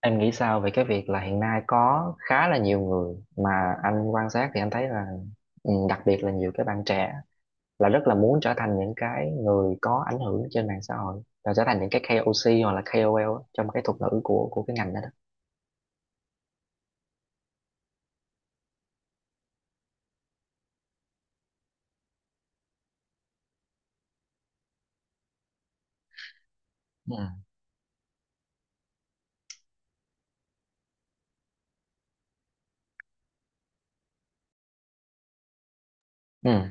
Em nghĩ sao về cái việc là hiện nay có khá là nhiều người mà anh quan sát thì anh thấy là đặc biệt là nhiều cái bạn trẻ là rất là muốn trở thành những cái người có ảnh hưởng trên mạng xã hội là trở thành những cái KOC hoặc là KOL á, trong cái thuật ngữ của cái ngành đó đó. Ừ. Ừ.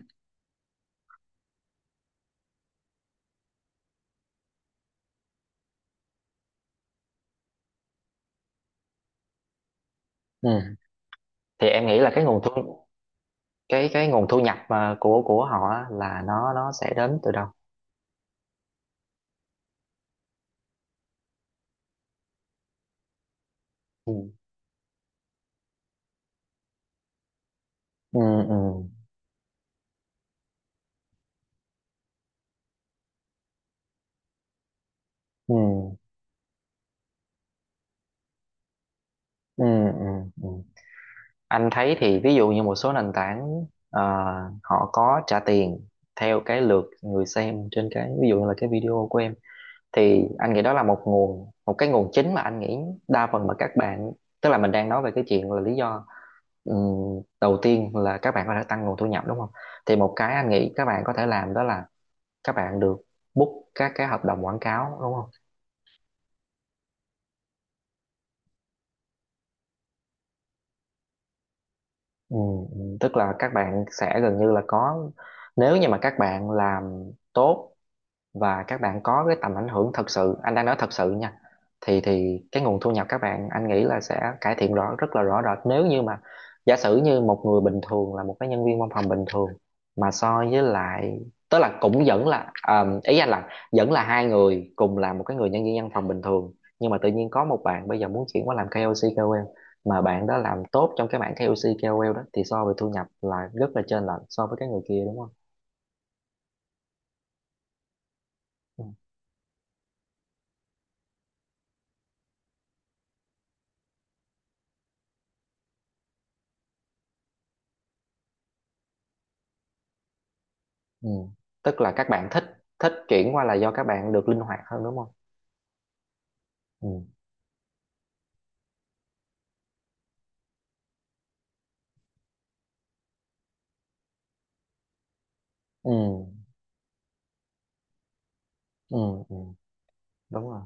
Ừ. Thì em nghĩ là cái nguồn thu nhập mà của họ á, là nó sẽ đến từ đâu? Ừ. Ừ. Ừ. Ừ. Ừ. Ừ. Ừ. Anh thấy thì ví dụ như một số nền tảng ờ, họ có trả tiền theo cái lượt người xem trên cái ví dụ như là cái video của em, thì anh nghĩ đó là một cái nguồn chính mà anh nghĩ đa phần mà các bạn, tức là mình đang nói về cái chuyện là lý do đầu tiên là các bạn có thể tăng nguồn thu nhập đúng không, thì một cái anh nghĩ các bạn có thể làm đó là các bạn được book các cái hợp đồng quảng cáo đúng không. Tức là các bạn sẽ gần như là có, nếu như mà các bạn làm tốt và các bạn có cái tầm ảnh hưởng thật sự, anh đang nói thật sự nha, thì cái nguồn thu nhập các bạn anh nghĩ là sẽ cải thiện rất là rõ rệt, nếu như mà giả sử như một người bình thường là một cái nhân viên văn phòng bình thường mà so với lại, tức là cũng vẫn là à, ý anh là vẫn là hai người cùng là một cái người nhân viên văn phòng bình thường, nhưng mà tự nhiên có một bạn bây giờ muốn chuyển qua làm KOC KOL, mà bạn đó làm tốt trong cái mảng KOC KOL đó thì so về thu nhập là rất là trên lệch so với cái người kia đúng không. Ừ. Ừ. Tức là các bạn thích thích chuyển qua là do các bạn được linh hoạt hơn đúng không. Ừ. Ừ. Ừ. Ừ. Đúng rồi.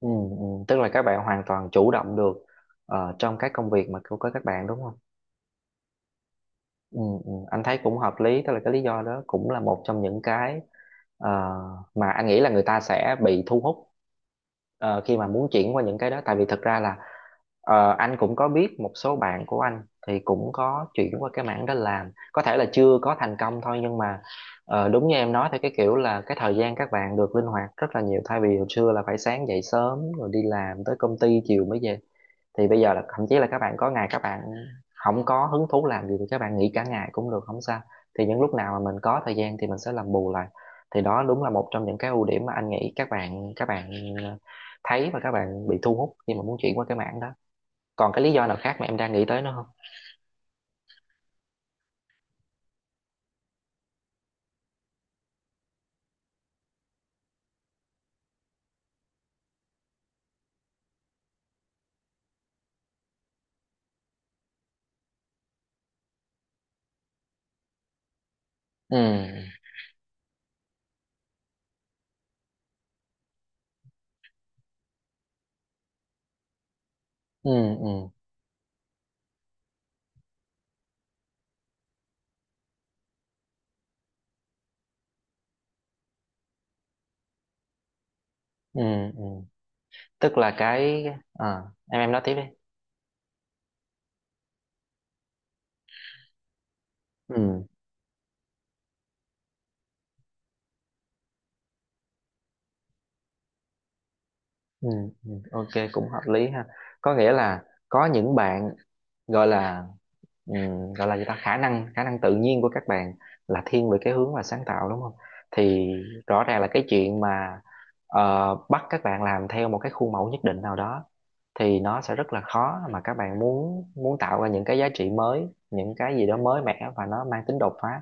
Ừ. Ừ. Tức là các bạn hoàn toàn chủ động được trong các công việc mà của các bạn đúng không. Ừ, ừ, anh thấy cũng hợp lý, tức là cái lý do đó cũng là một trong những cái ờ, mà anh nghĩ là người ta sẽ bị thu hút khi mà muốn chuyển qua những cái đó, tại vì thật ra là anh cũng có biết một số bạn của anh thì cũng có chuyển qua cái mảng đó làm, có thể là chưa có thành công thôi nhưng mà đúng như em nói, thì cái kiểu là cái thời gian các bạn được linh hoạt rất là nhiều, thay vì hồi xưa là phải sáng dậy sớm rồi đi làm tới công ty chiều mới về, thì bây giờ là thậm chí là các bạn có ngày các bạn không có hứng thú làm gì thì các bạn nghỉ cả ngày cũng được không sao, thì những lúc nào mà mình có thời gian thì mình sẽ làm bù lại, thì đó đúng là một trong những cái ưu điểm mà anh nghĩ các bạn thấy và các bạn bị thu hút khi mà muốn chuyển qua cái mảng đó. Còn cái lý do nào khác mà em đang nghĩ tới nữa không? Ừ. Ừ. Ừ. Ừ. Ừ. Tức là cái à, em nói tiếp đi. Ừ. Ừ. Ừ, ok cũng hợp lý ha, có nghĩa là có những bạn gọi là gọi là gì ta, khả năng tự nhiên của các bạn là thiên về cái hướng là sáng tạo đúng không, thì rõ ràng là cái chuyện mà bắt các bạn làm theo một cái khuôn mẫu nhất định nào đó thì nó sẽ rất là khó mà các bạn muốn muốn tạo ra những cái giá trị mới, những cái gì đó mới mẻ và nó mang tính đột phá,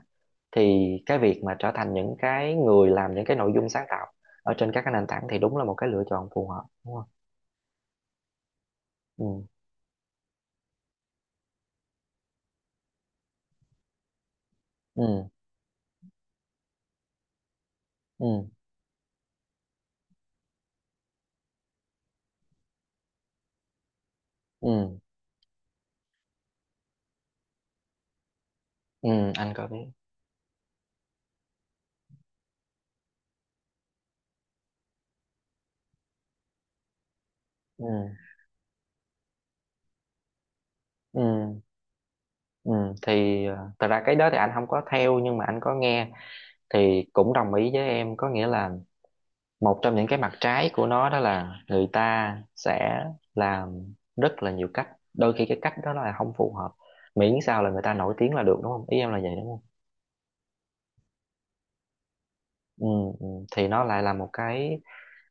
thì cái việc mà trở thành những cái người làm những cái nội dung sáng tạo ở trên các cái nền tảng thì đúng là một cái lựa chọn phù hợp đúng không. Ừ. Ừ. Ừ. Ừ. Ừ, anh có biết. Ừ. Ừ. Ừ, thì thật ra cái đó thì anh không có theo nhưng mà anh có nghe, thì cũng đồng ý với em, có nghĩa là một trong những cái mặt trái của nó đó là người ta sẽ làm rất là nhiều cách, đôi khi cái cách đó là không phù hợp, miễn sao là người ta nổi tiếng là được đúng không, ý em là vậy đúng không. Ừ, ừ, thì nó lại là một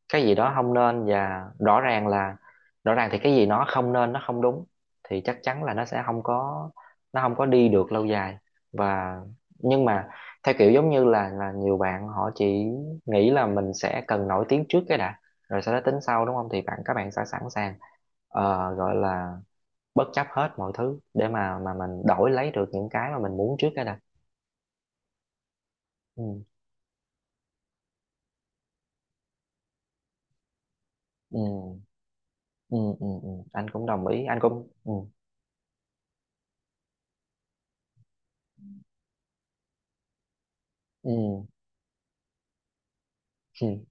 cái gì đó không nên, và rõ ràng thì cái gì nó không nên nó không đúng thì chắc chắn là nó không có đi được lâu dài, và nhưng mà theo kiểu giống như là nhiều bạn họ chỉ nghĩ là mình sẽ cần nổi tiếng trước cái đã, rồi sau đó tính sau đúng không, thì các bạn sẽ sẵn sàng gọi là bất chấp hết mọi thứ để mà mình đổi lấy được những cái mà mình muốn trước cái đã. Ừ. Ừ. Ừ. Ừ. Ừ. Ừ, anh cũng đồng ý, anh cũng ừ. Ừ. Ừ.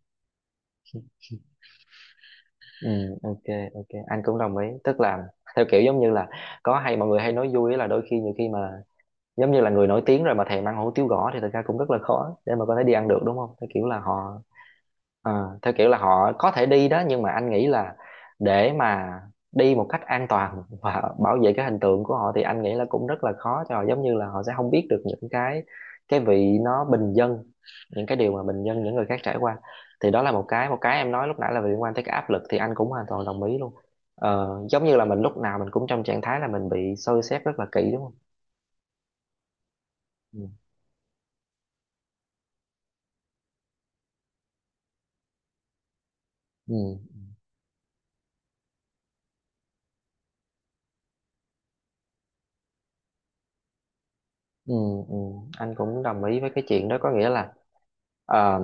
Ừ, ok, ok, anh cũng đồng ý, tức là theo kiểu giống như là có, hay mọi người hay nói vui á là đôi khi nhiều khi mà giống như là người nổi tiếng rồi mà thèm ăn hủ tiếu gõ thì thật ra cũng rất là khó để mà có thể đi ăn được đúng không, theo kiểu là họ ờ, theo kiểu là họ có thể đi đó nhưng mà anh nghĩ là để mà đi một cách an toàn và bảo vệ cái hình tượng của họ thì anh nghĩ là cũng rất là khó cho họ, giống như là họ sẽ không biết được những cái vị nó bình dân, những cái điều mà bình dân những người khác trải qua, thì đó là một cái em nói lúc nãy là liên quan tới cái áp lực, thì anh cũng hoàn toàn đồng ý luôn, giống như là mình lúc nào mình cũng trong trạng thái là mình bị soi xét rất là kỹ đúng không. Ừ, ừ, ừ, ừ, anh cũng đồng ý với cái chuyện đó, có nghĩa là ờ,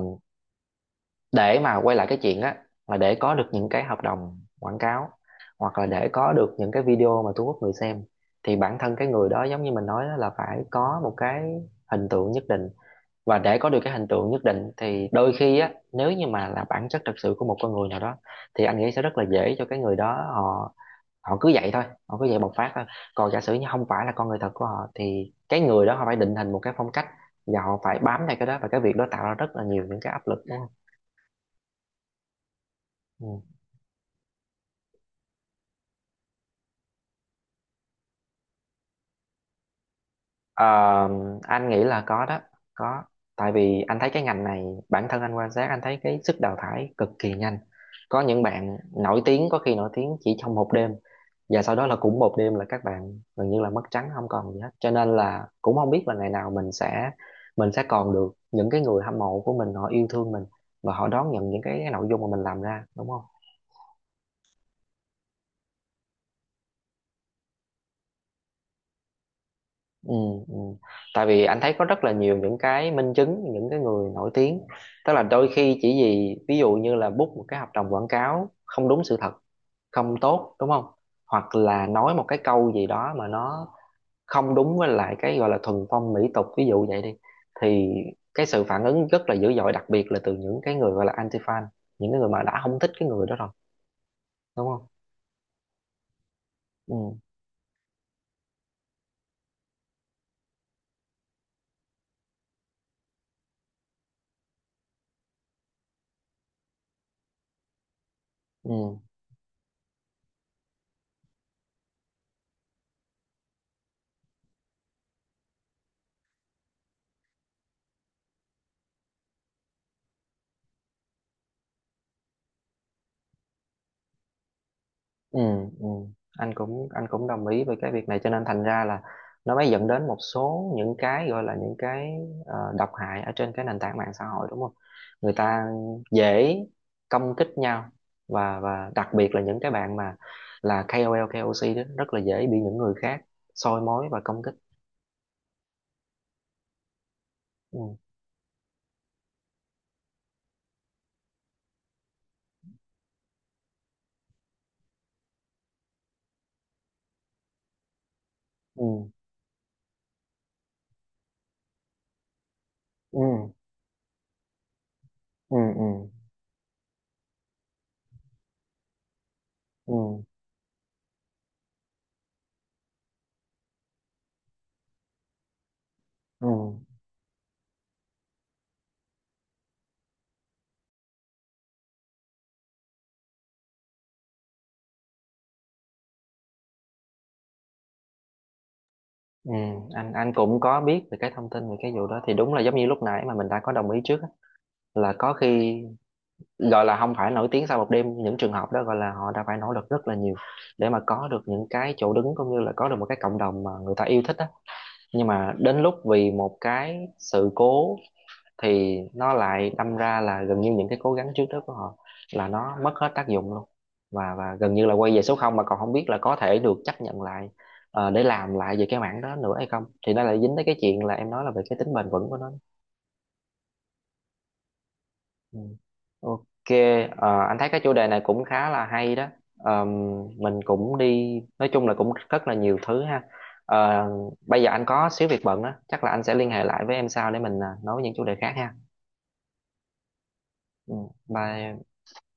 để mà quay lại cái chuyện á, là để có được những cái hợp đồng quảng cáo hoặc là để có được những cái video mà thu hút người xem, thì bản thân cái người đó giống như mình nói đó là phải có một cái hình tượng nhất định, và để có được cái hình tượng nhất định thì đôi khi á, nếu như mà là bản chất thật sự của một con người nào đó thì anh nghĩ sẽ rất là dễ cho cái người đó, họ họ cứ vậy thôi, họ cứ vậy bộc phát thôi, còn giả sử như không phải là con người thật của họ thì cái người đó họ phải định hình một cái phong cách và họ phải bám theo cái đó, và cái việc đó tạo ra rất là nhiều những cái áp lực đúng. Ờ, anh nghĩ là có đó, có, tại vì anh thấy cái ngành này, bản thân anh quan sát anh thấy cái sức đào thải cực kỳ nhanh, có những bạn nổi tiếng có khi nổi tiếng chỉ trong một đêm và sau đó là cũng một đêm là các bạn gần như là mất trắng không còn gì hết, cho nên là cũng không biết là ngày nào mình sẽ còn được những cái người hâm mộ của mình họ yêu thương mình và họ đón nhận những cái nội dung mà mình làm ra đúng không. Ừ, ừ. Tại vì anh thấy có rất là nhiều những cái minh chứng những cái người nổi tiếng, tức là đôi khi chỉ vì ví dụ như là book một cái hợp đồng quảng cáo không đúng sự thật, không tốt đúng không, hoặc là nói một cái câu gì đó mà nó không đúng với lại cái gọi là thuần phong mỹ tục, ví dụ vậy đi, thì cái sự phản ứng rất là dữ dội, đặc biệt là từ những cái người gọi là anti fan, những cái người mà đã không thích cái người đó rồi đúng không. Ừ, ừ. Ừ, ừ, anh cũng đồng ý với cái việc này, cho nên thành ra là nó mới dẫn đến một số những cái gọi là những cái độc hại ở trên cái nền tảng mạng xã hội đúng không, người ta dễ công kích nhau, và đặc biệt là những cái bạn mà là KOL KOC đó rất là dễ bị những người khác soi mói và công kích. Ừ. Ừ. Ừ. Ừ. Ừ. Ừ. Ừ. Ừ. anh cũng có biết về cái thông tin về cái vụ đó, thì đúng là giống như lúc nãy mà mình đã có đồng ý trước á, là có khi gọi là không phải nổi tiếng sau một đêm, những trường hợp đó gọi là họ đã phải nỗ lực rất là nhiều để mà có được những cái chỗ đứng cũng như là có được một cái cộng đồng mà người ta yêu thích á, nhưng mà đến lúc vì một cái sự cố thì nó lại đâm ra là gần như những cái cố gắng trước đó của họ là nó mất hết tác dụng luôn, và gần như là quay về số không, mà còn không biết là có thể được chấp nhận lại để làm lại về cái mảng đó nữa hay không, thì nó lại dính tới cái chuyện là em nói là về cái tính bền vững của nó. Ừ. Ok, anh thấy cái chủ đề này cũng khá là hay đó. Ờm, mình cũng đi, nói chung là cũng rất là nhiều thứ ha. Ờ, Bây giờ anh có xíu việc bận á, chắc là anh sẽ liên hệ lại với em sau để mình à, nói những chủ đề khác ha. Ừ, bye.